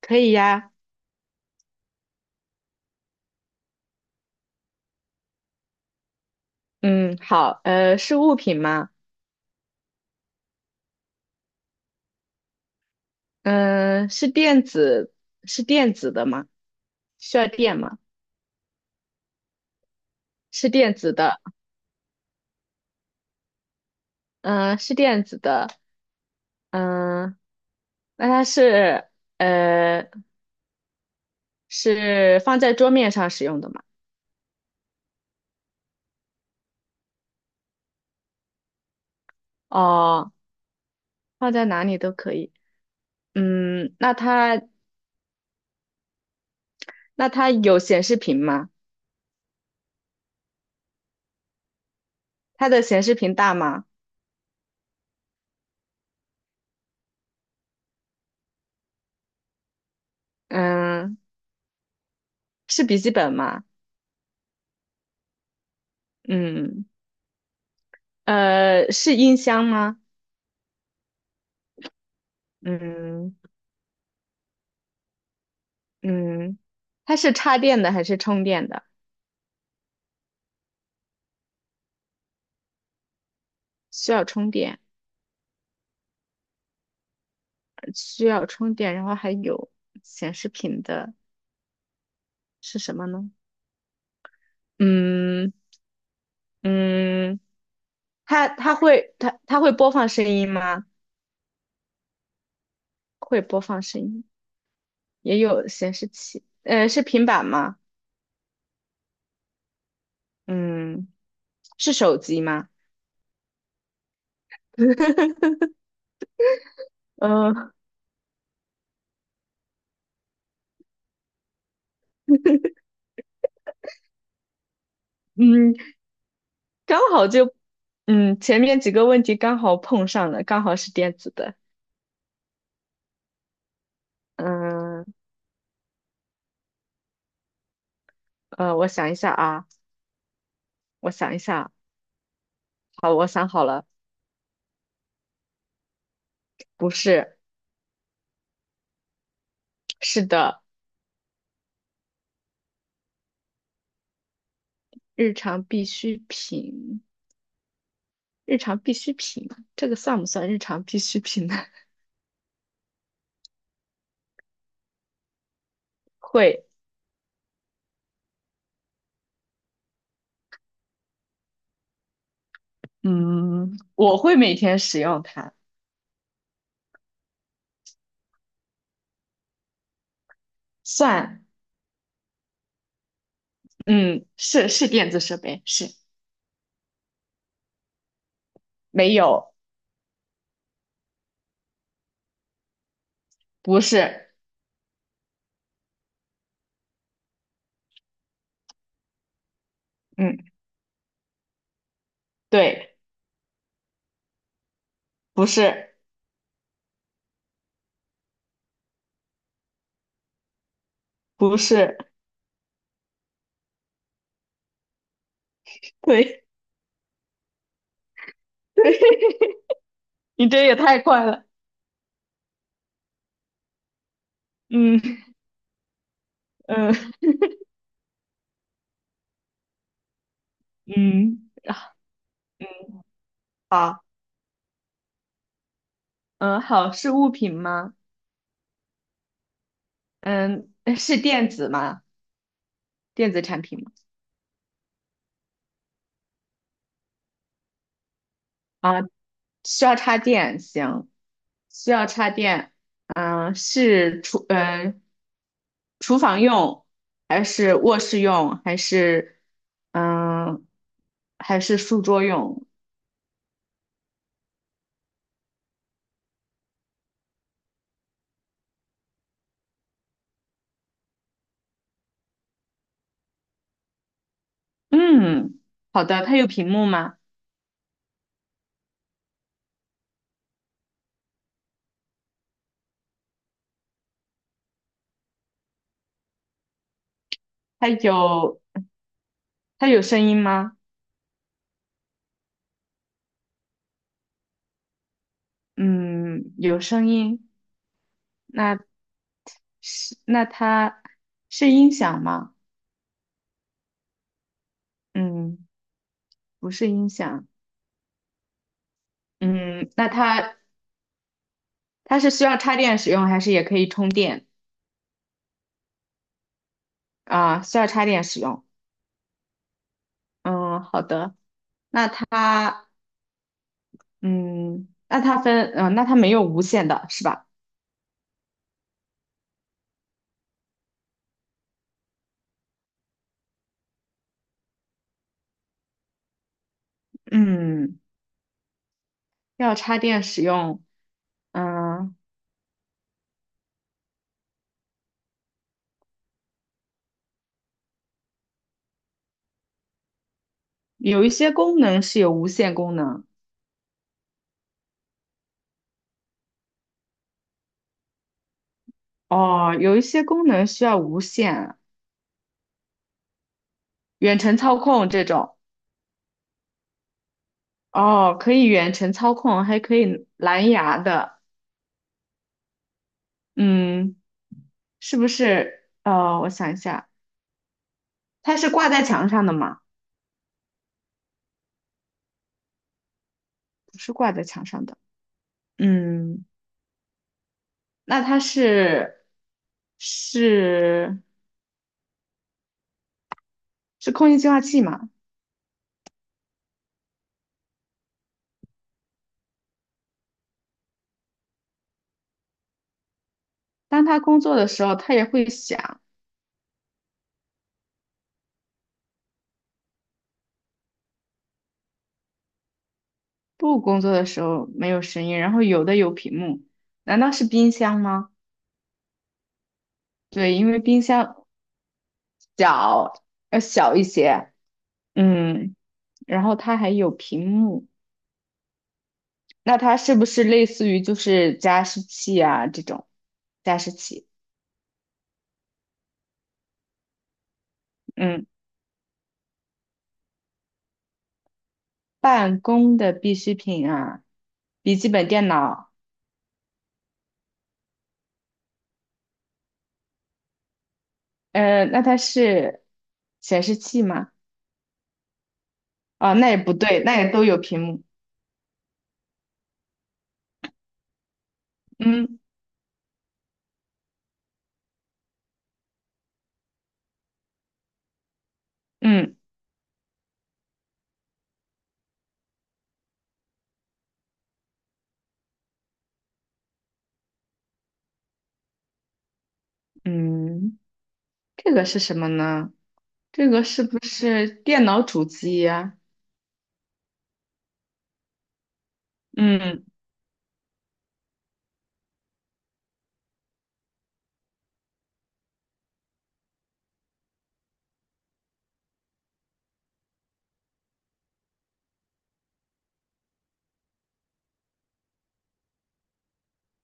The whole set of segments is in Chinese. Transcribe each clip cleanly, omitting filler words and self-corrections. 可以呀。嗯，好，是物品吗？嗯、是电子，是电子的吗？需要电吗？是电子的，嗯、是电子的，嗯、那它是，呃，是放在桌面上使用的吗？哦，放在哪里都可以。嗯，那它，那它有显示屏吗？它的显示屏大吗？嗯，是笔记本吗？嗯，是音箱吗？嗯。嗯，它是插电的还是充电的？需要充电，需要充电，然后还有显示屏的是什么呢？嗯嗯，它会播放声音吗？会播放声音，也有显示器，是平板吗？嗯，是手机吗？呃嗯，刚好就嗯前面几个问题刚好碰上了，刚好是电子的。嗯我想一下啊，我想一下啊。好，我想好了，不是，是的，日常必需品，日常必需品，这个算不算日常必需品呢？会，嗯，我会每天使用它，算，嗯，是电子设备，是，没有，不是，嗯，对，不是，不是，对，对，你这也太快了，嗯嗯嗯嗯，好，是物品吗？嗯，是电子吗？电子产品吗？啊。需要插电，行，需要插电，是厨，厨房用，还是卧室用，还是，嗯、还是书桌用？嗯，好的，它有屏幕吗？它有，它有声音吗？嗯，有声音，那是，那它是音响吗？嗯，不是音响，嗯，那它。它是需要插电使用，还是也可以充电啊？需要插电使用。嗯，好的。那它，嗯，那它分，那它没有无线的是吧？嗯，要插电使用。嗯，有一些功能是有无线功能。哦，有一些功能需要无线，远程操控这种。哦，可以远程操控，还可以蓝牙的。嗯，是不是？我想一下，它是挂在墙上的吗？不是挂在墙上的。嗯，那它是是空气净化器嘛？当它工作的时候，它也会响；不工作的时候没有声音。然后有的有屏幕，难道是冰箱吗？对，因为冰箱小要小一些，嗯，然后它还有屏幕，那它是不是类似于就是加湿器啊这种加湿器？嗯，办公的必需品啊，笔记本电脑。那它是显示器吗？哦，那也不对，那也都有屏幕。嗯嗯嗯，这个是什么呢？这个是不是电脑主机呀？嗯，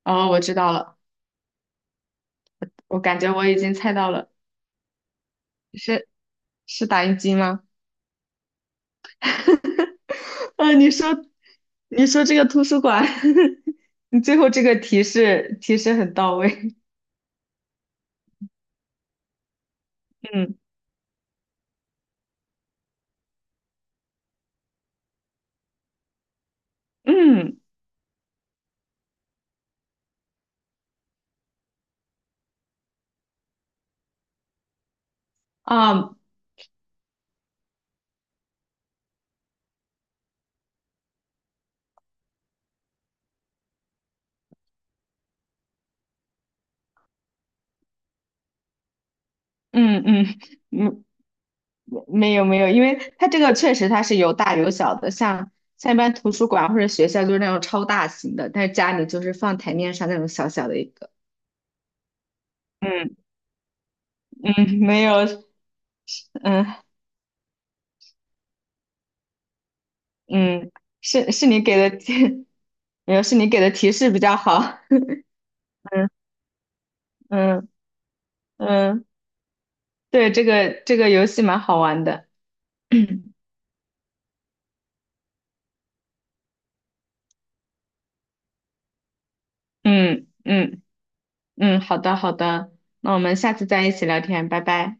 哦，我知道了，我感觉我已经猜到了，是是打印机吗？啊，你说这个图书馆，你最后这个提示很到位。嗯嗯啊嗯嗯，嗯，没有没有，因为它这个确实它是有大有小的，像像一般图书馆或者学校就是那种超大型的，但是家里就是放台面上那种小小的一个。嗯嗯，没有，嗯嗯，是是你给的提，没有是你给的提示比较好。嗯嗯嗯，对，这个这个游戏蛮好玩的。嗯嗯嗯嗯，好的好的，那我们下次再一起聊天，拜拜。